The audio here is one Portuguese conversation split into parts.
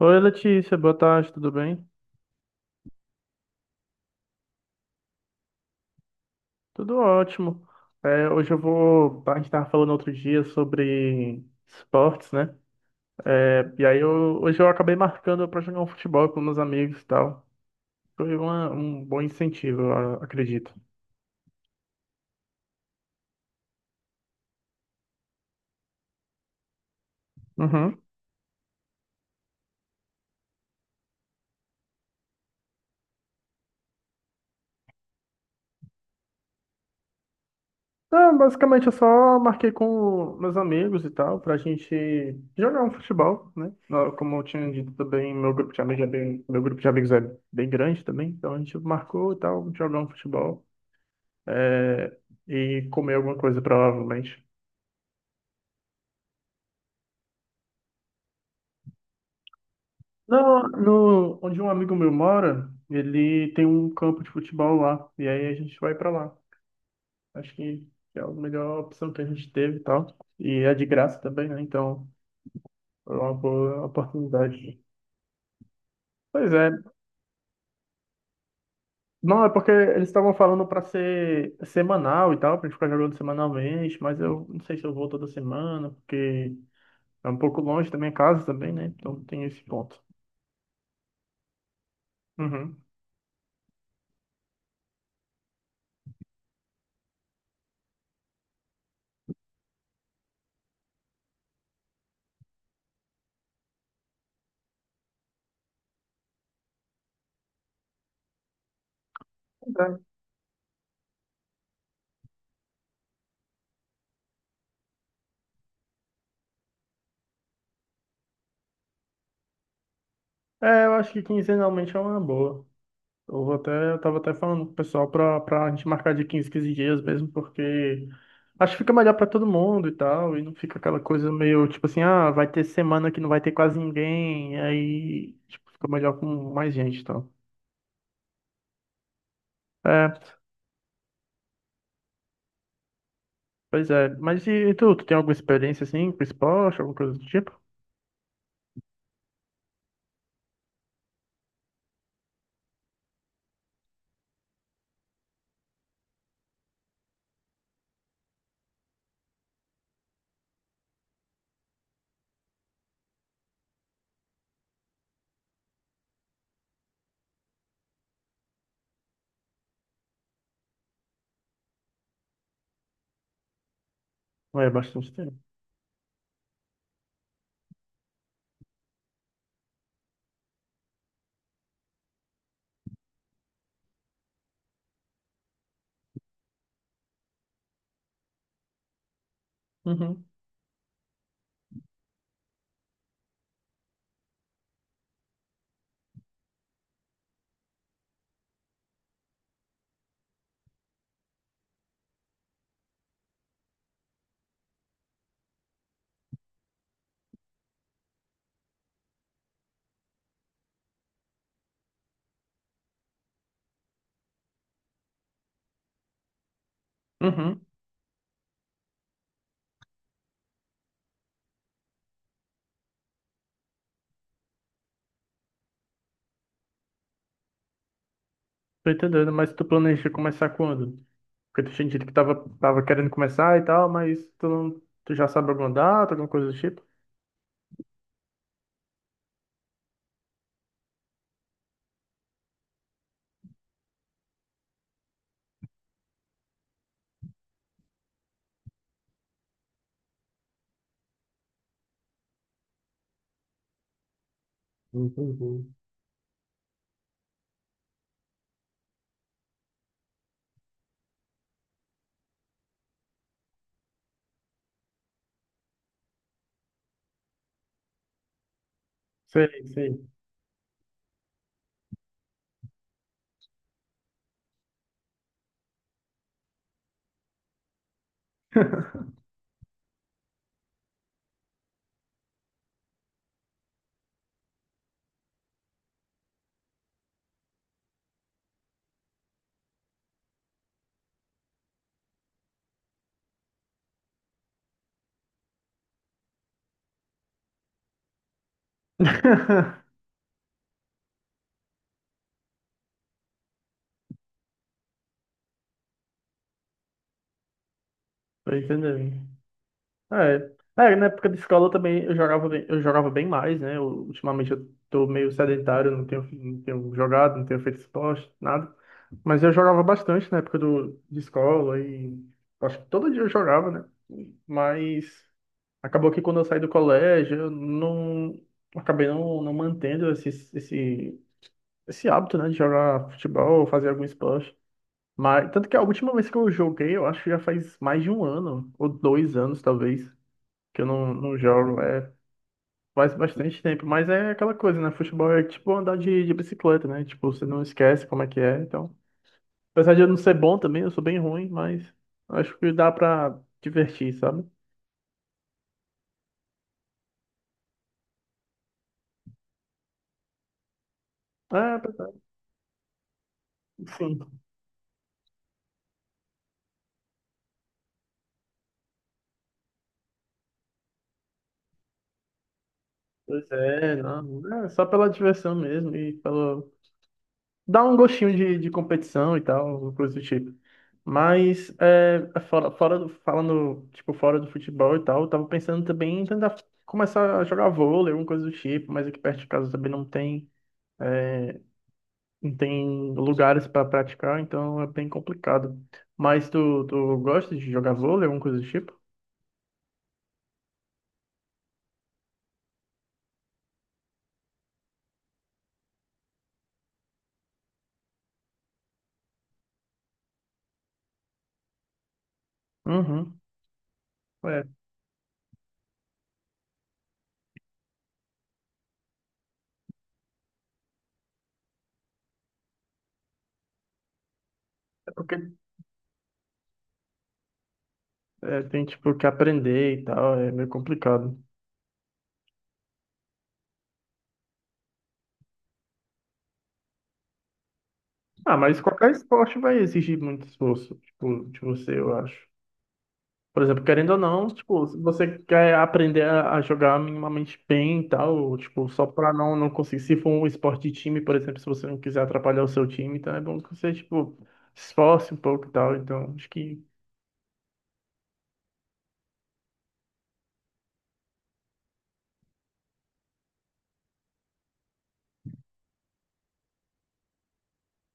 Oi, Letícia, boa tarde, tudo bem? Tudo ótimo. Hoje eu vou. A gente estava falando outro dia sobre esportes, né? Hoje eu acabei marcando para jogar um futebol com meus amigos e tal. Foi um bom incentivo, eu acredito. Uhum. Ah, basicamente eu só marquei com meus amigos e tal, pra gente jogar um futebol, né? Ah, como eu tinha dito também, meu grupo de amigos é bem grande também, então a gente marcou e tal, jogar um futebol. é, e comer alguma coisa, provavelmente. Não, no, Onde um amigo meu mora, ele tem um campo de futebol lá, e aí a gente vai pra lá. Acho que é a melhor opção que a gente teve e tal. E é de graça também, né? Então, é uma boa oportunidade. Pois é. Não, é porque eles estavam falando pra ser semanal e tal, pra gente ficar jogando semanalmente, mas eu não sei se eu vou toda semana, porque é um pouco longe da minha casa também, né? Então tem esse ponto. Uhum. É, eu acho que quinzenalmente é uma boa. Eu tava até falando com o pessoal pra gente marcar de 15, 15 dias mesmo, porque acho que fica melhor pra todo mundo e tal, e não fica aquela coisa meio tipo assim, ah, vai ter semana que não vai ter quase ninguém, aí tipo, fica melhor com mais gente e tal. É, pois é. Mas tu tem alguma experiência assim com esporte, alguma coisa do tipo? Ou é bastante tempo. Uhum, uhum. Tô entendendo, mas tu planeja começar quando? Porque tu tinha dito que tava, tava querendo começar e tal, mas tu, não, tu já sabe alguma data, alguma coisa do tipo? Entendi. Sei, sei. Tô entendendo. É. É, na época de escola também eu jogava bem mais, né? Eu- ultimamente eu tô meio sedentário, não tenho jogado, não tenho feito esporte, nada. Mas eu jogava bastante na época de escola e acho que todo dia eu jogava, né? Mas. Acabou que quando eu saí do colégio, eu não acabei não mantendo esse, esse hábito, né, de jogar futebol ou fazer algum esporte. Mas tanto que a última vez que eu joguei, eu acho que já faz mais de um ano, ou dois anos talvez, que eu não jogo. É, faz bastante tempo. Mas é aquela coisa, né? Futebol é tipo andar de bicicleta, né? Tipo, você não esquece como é que é. Então, apesar de eu não ser bom também, eu sou bem ruim, mas acho que dá pra divertir, sabe? É, apesar- sim. Pois é, não, é só pela diversão mesmo e pelo... dá um gostinho de competição e tal, coisa do tipo. Mas fora do, falando tipo fora do futebol e tal, eu tava pensando também em tentar começar a jogar vôlei, alguma coisa do tipo, mas aqui perto de casa também não tem lugares para praticar, então é bem complicado. Mas tu gosta de jogar vôlei, alguma coisa do tipo? Uhum. É, é porque é, tem tipo que aprender e tal, é meio complicado. Ah, mas qualquer esporte vai exigir muito esforço, tipo, de você, eu acho. Por exemplo, querendo ou não, tipo, se você quer aprender a jogar minimamente bem e tal, tipo, só pra não conseguir. Se for um esporte de time, por exemplo, se você não quiser atrapalhar o seu time, então é bom que você, tipo, se esforce um pouco e tal. Então, acho que.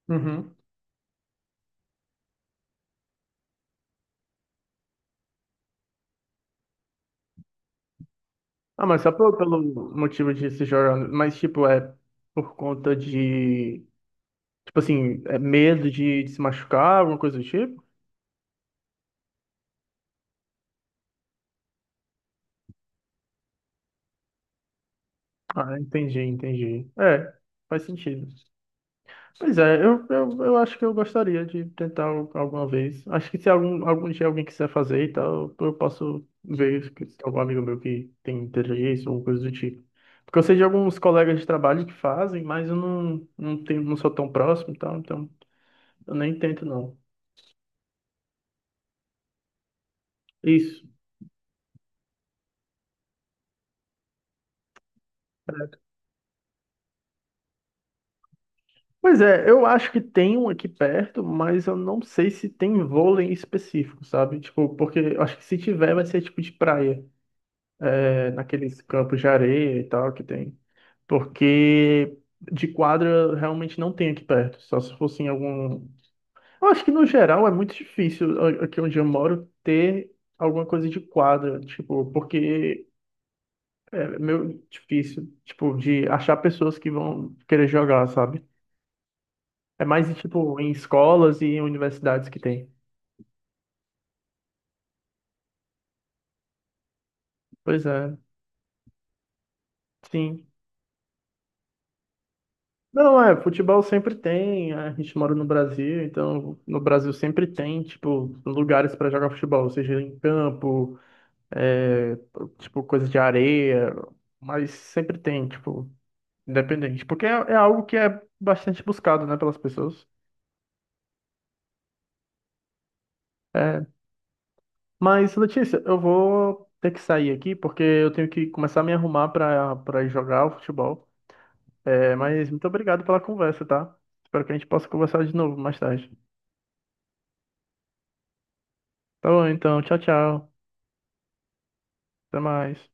Uhum. Ah, mas só pelo motivo de se jogar. Mas, tipo, é por conta de. Tipo assim, é medo de se machucar, alguma coisa do tipo? Ah, entendi, entendi. É. Faz sentido. Pois é, eu acho que eu gostaria de tentar alguma vez. Acho que se algum dia alguém quiser fazer e tal, eu posso ver se tem algum amigo meu que tem interesse ou coisa do tipo. Porque eu sei de alguns colegas de trabalho que fazem, mas eu não tenho, não sou tão próximo e tal, então eu nem tento não. Isso. Pois é, eu acho que tem um aqui perto, mas eu não sei se tem vôlei em específico, sabe? Tipo, porque eu acho que se tiver vai ser tipo de praia, é, naqueles campos de areia e tal que tem. Porque de quadra eu realmente não tem aqui perto. Só se fosse em algum. Eu acho que no geral é muito difícil a- aqui onde eu moro ter alguma coisa de quadra, tipo, porque é meio difícil, tipo, de achar pessoas que vão querer jogar, sabe? É mais tipo em escolas e em universidades que tem. Pois é, sim. Não, é, futebol sempre tem, é, a gente mora no Brasil, então no Brasil sempre tem, tipo, lugares para jogar futebol, seja em campo é, tipo, coisa de areia, mas sempre tem, tipo, independente, porque é algo que é bastante buscado, né, pelas pessoas. É, mas, Letícia, eu vou ter que sair aqui, porque eu tenho que começar a me arrumar para ir jogar o futebol. É, mas muito obrigado pela conversa, tá? Espero que a gente possa conversar de novo mais tarde. Tá bom, então, tchau, tchau. Até mais.